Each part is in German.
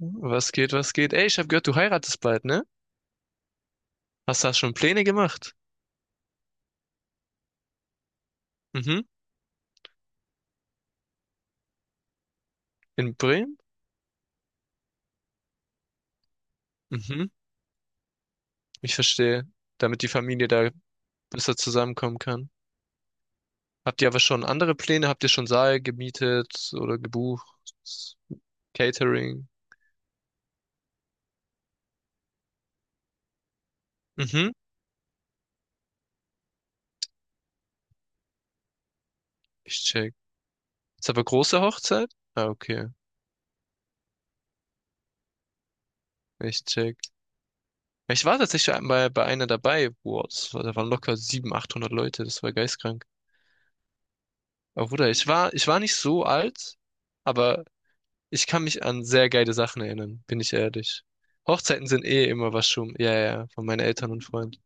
Was geht, was geht? Ey, ich habe gehört, du heiratest bald, ne? Hast du da schon Pläne gemacht? Mhm. In Bremen? Mhm. Ich verstehe. Damit die Familie da besser zusammenkommen kann. Habt ihr aber schon andere Pläne? Habt ihr schon Saal gemietet oder gebucht? Catering? Mhm. Ich check. Ist aber große Hochzeit? Ah, okay. Ich check. Ich war tatsächlich bei einer dabei. Boah, da waren locker 700, 800 Leute. Das war geistkrank. Aber Bruder, ich war nicht so alt. Aber ich kann mich an sehr geile Sachen erinnern, bin ich ehrlich. Hochzeiten sind eh immer was schon. Ja, ja, ja, von meinen Eltern und Freunden.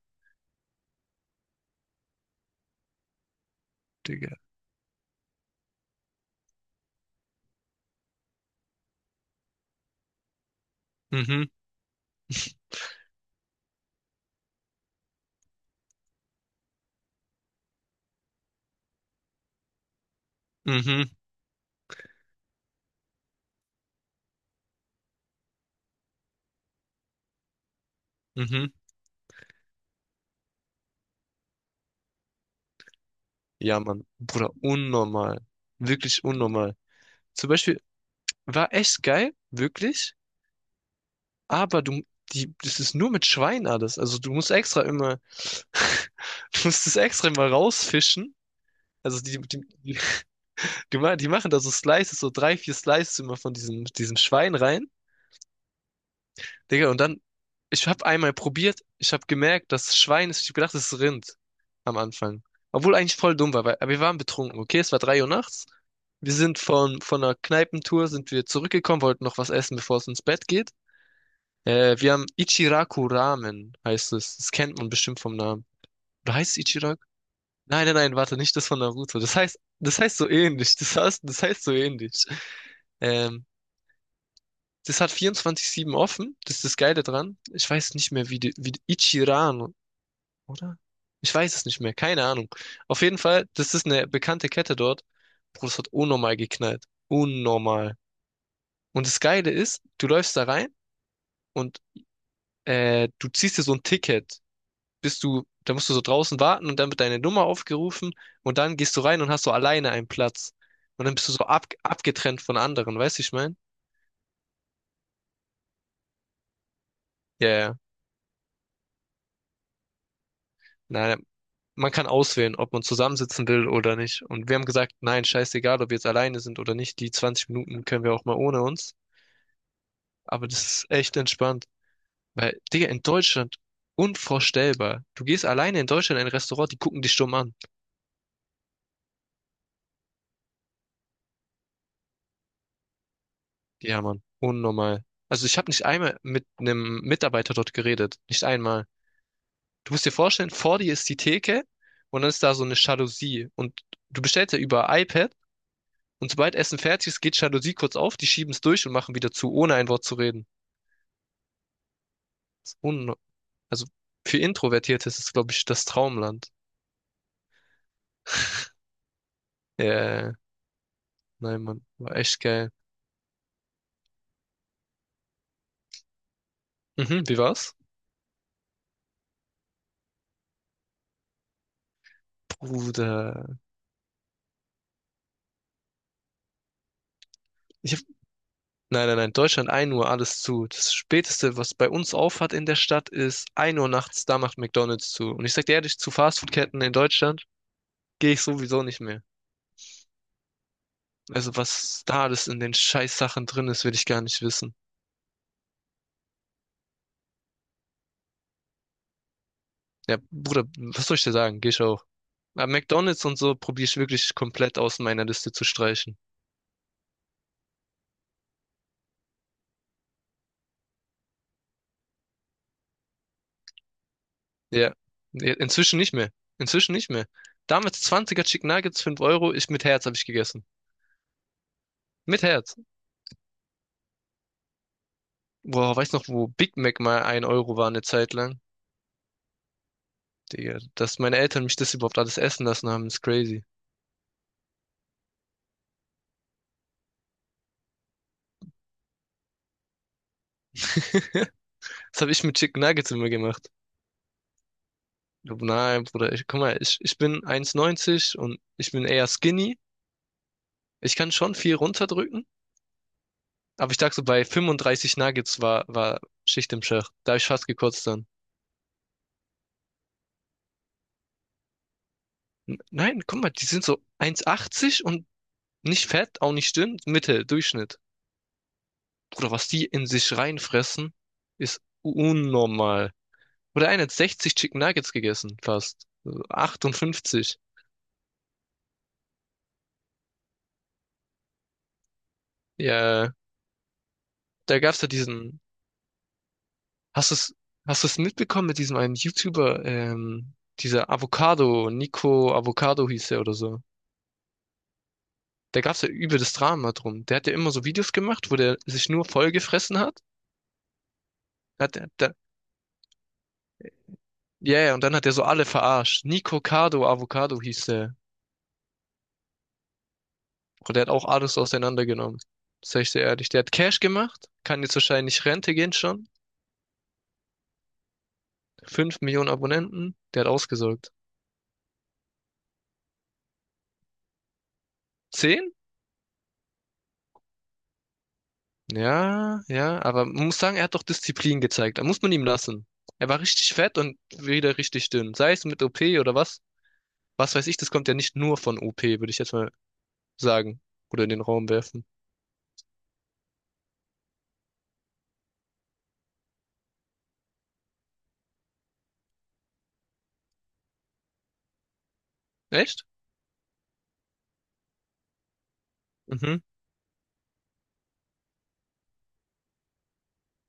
Digga. Mhm, mhm, mhm. Ja, Mann. Bruder, unnormal. Wirklich unnormal. Zum Beispiel, war echt geil, wirklich. Aber du, das ist nur mit Schwein alles. Also du musst extra immer, du musst es extra immer rausfischen. Also die, die machen da so Slices, so drei, vier Slices immer von diesem Schwein rein. Digga, und dann, ich habe einmal probiert, ich habe gemerkt, dass es Schwein ist, ich habe gedacht, es ist Rind am Anfang. Obwohl eigentlich voll dumm war, weil, aber wir waren betrunken, okay? Es war 3 Uhr nachts. Wir sind von einer Kneipentour, sind wir zurückgekommen, wollten noch was essen, bevor es ins Bett geht. Wir haben Ichiraku Ramen, heißt es. Das kennt man bestimmt vom Namen. Oder heißt es Ichiraku? Nein, nein, nein, warte, nicht das von Naruto. Das heißt so ähnlich. Das heißt so ähnlich. Ähm, Das hat 24/7 offen. Das ist das Geile dran. Ich weiß nicht mehr, Ichiran, oder? Ich weiß es nicht mehr. Keine Ahnung. Auf jeden Fall, das ist eine bekannte Kette dort. Bro, das hat unnormal geknallt. Unnormal. Und das Geile ist, du läufst da rein und du ziehst dir so ein Ticket. Da musst du so draußen warten und dann wird deine Nummer aufgerufen und dann gehst du rein und hast so alleine einen Platz. Und dann bist du so abgetrennt von anderen, weißt du, ich mein? Ja, ja. Nein, man kann auswählen, ob man zusammensitzen will oder nicht. Und wir haben gesagt, nein, scheißegal, ob wir jetzt alleine sind oder nicht, die 20 Minuten können wir auch mal ohne uns. Aber das ist echt entspannt. Weil, Digga, in Deutschland unvorstellbar. Du gehst alleine in Deutschland in ein Restaurant, die gucken dich stumm an. Ja, Mann, unnormal. Also ich habe nicht einmal mit einem Mitarbeiter dort geredet. Nicht einmal. Du musst dir vorstellen, vor dir ist die Theke und dann ist da so eine Jalousie. Und du bestellst ja über iPad und sobald Essen fertig ist, geht Jalousie kurz auf, die schieben es durch und machen wieder zu, ohne ein Wort zu reden. Ist un also für Introvertierte ist es, glaube ich, das Traumland. Äh, nein, Mann, war echt geil. Mhm, wie war's? Bruder. Ich hab, nein, nein, nein, Deutschland 1 Uhr, alles zu. Das Späteste, was bei uns aufhat in der Stadt, ist 1 Uhr nachts, da macht McDonald's zu. Und ich sag dir ehrlich, zu Fastfoodketten in Deutschland gehe ich sowieso nicht mehr. Also was da alles in den Scheißsachen drin ist, will ich gar nicht wissen. Ja, Bruder, was soll ich dir sagen? Geh ich auch. Aber McDonald's und so probiere ich wirklich komplett aus meiner Liste zu streichen. Ja. Nee, inzwischen nicht mehr. Inzwischen nicht mehr. Damals 20er Chicken Nuggets, 5 Euro, ich mit Herz habe ich gegessen. Mit Herz. Boah, weiß noch, wo Big Mac mal 1 € war eine Zeit lang. Digga, dass meine Eltern mich das überhaupt alles essen lassen haben, ist crazy. Das habe ich mit Chicken Nuggets immer gemacht. Nein, Bruder, ich, guck mal, ich bin eins neunzig und ich bin eher skinny. Ich kann schon viel runterdrücken, aber ich dachte so, bei 35 Nuggets war Schicht im Schacht. Da habe ich fast gekotzt dann. Nein, guck mal, die sind so eins achtzig und nicht fett, auch nicht dünn, Mitte, Durchschnitt. Bruder, was die in sich reinfressen, ist unnormal. Oder einer hat 60 Chicken Nuggets gegessen, fast. Also 58. Ja, da gab's ja diesen. Hast du's, hast du's mitbekommen mit diesem einen YouTuber, dieser Avocado, Nico Avocado hieß er oder so. Da gab's ja übel das Drama drum. Der hat ja immer so Videos gemacht, wo der sich nur vollgefressen hat. Hat der, ja, ja, und dann hat er so alle verarscht. Nico Cardo Avocado hieß der. Und der hat auch alles auseinandergenommen. Sag ich dir ehrlich. Der hat Cash gemacht, kann jetzt wahrscheinlich Rente gehen schon. Fünf Millionen Abonnenten, der hat ausgesorgt. 10? Ja, ja, aber man muss sagen, er hat doch Disziplin gezeigt. Da muss man ihm lassen. Er war richtig fett und wieder richtig dünn. Sei es mit OP oder was. Was weiß ich, das kommt ja nicht nur von OP, würde ich jetzt mal sagen. Oder in den Raum werfen. Echt? Mhm.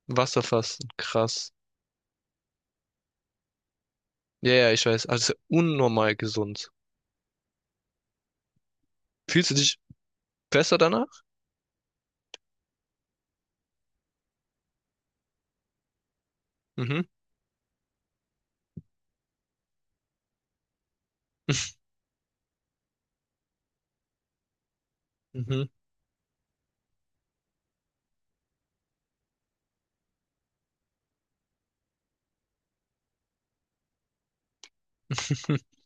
Wasserfasten, krass. Ja, ja, ich weiß. Also unnormal gesund. Fühlst du dich besser danach? Mhm. Mhm.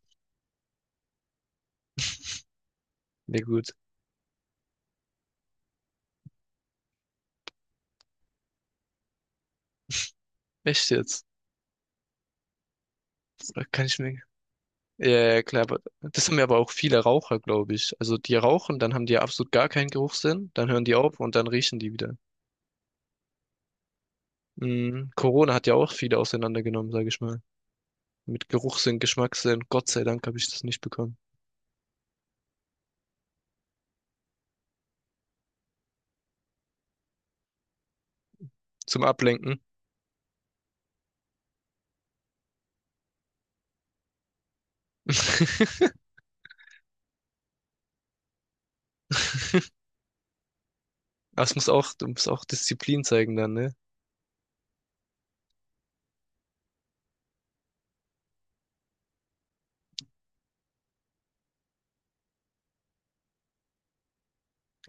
Ja gut. Echt jetzt? Das kann ich mir. Ja, ja, ja, klar, aber das haben ja aber auch viele Raucher, glaube ich. Also die rauchen, dann haben die ja absolut gar keinen Geruchssinn, dann hören die auf und dann riechen die wieder. Mhm. Corona hat ja auch viele auseinandergenommen, sage ich mal. Mit Geruchssinn, Geschmackssinn. Gott sei Dank habe ich das nicht bekommen. Zum Ablenken. Aber du musst auch Disziplin zeigen dann, ne?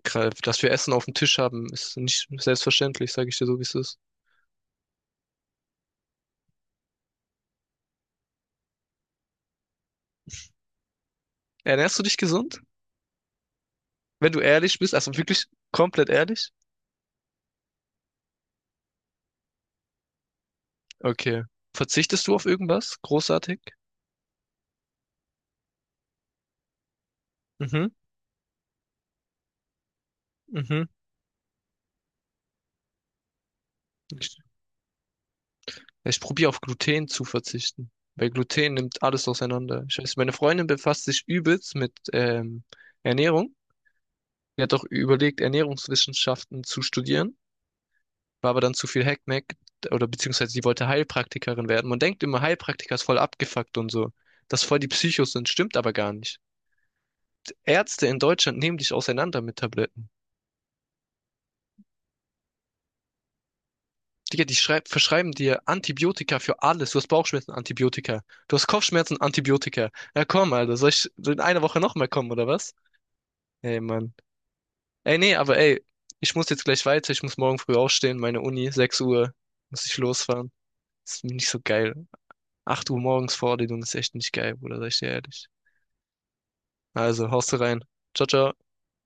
Dass wir Essen auf dem Tisch haben, ist nicht selbstverständlich, sage ich dir so, wie es ist. Ernährst du dich gesund? Wenn du ehrlich bist, also wirklich komplett ehrlich? Okay. Verzichtest du auf irgendwas? Großartig? Mhm, mhm. Ich, ich probiere auf Gluten zu verzichten. Weil Gluten nimmt alles auseinander. Ich weiß, meine Freundin befasst sich übelst mit Ernährung. Die hat auch überlegt, Ernährungswissenschaften zu studieren, war aber dann zu viel Hackmack oder beziehungsweise sie wollte Heilpraktikerin werden. Man denkt immer, Heilpraktiker ist voll abgefuckt und so, dass voll die Psychos sind, stimmt aber gar nicht. Ärzte in Deutschland nehmen dich auseinander mit Tabletten. Digga, die verschreiben dir Antibiotika für alles. Du hast Bauchschmerzen, Antibiotika. Du hast Kopfschmerzen, Antibiotika. Ja, komm, Alter. Soll ich in einer Woche nochmal kommen, oder was? Ey, Mann. Ey, nee, aber ey, ich muss jetzt gleich weiter. Ich muss morgen früh aufstehen. Meine Uni, 6 Uhr. Muss ich losfahren. Ist nicht so geil. 8 Uhr morgens Vorlesung ist echt nicht geil, Bruder. Sag ich dir ehrlich. Also, haust rein. Ciao, ciao.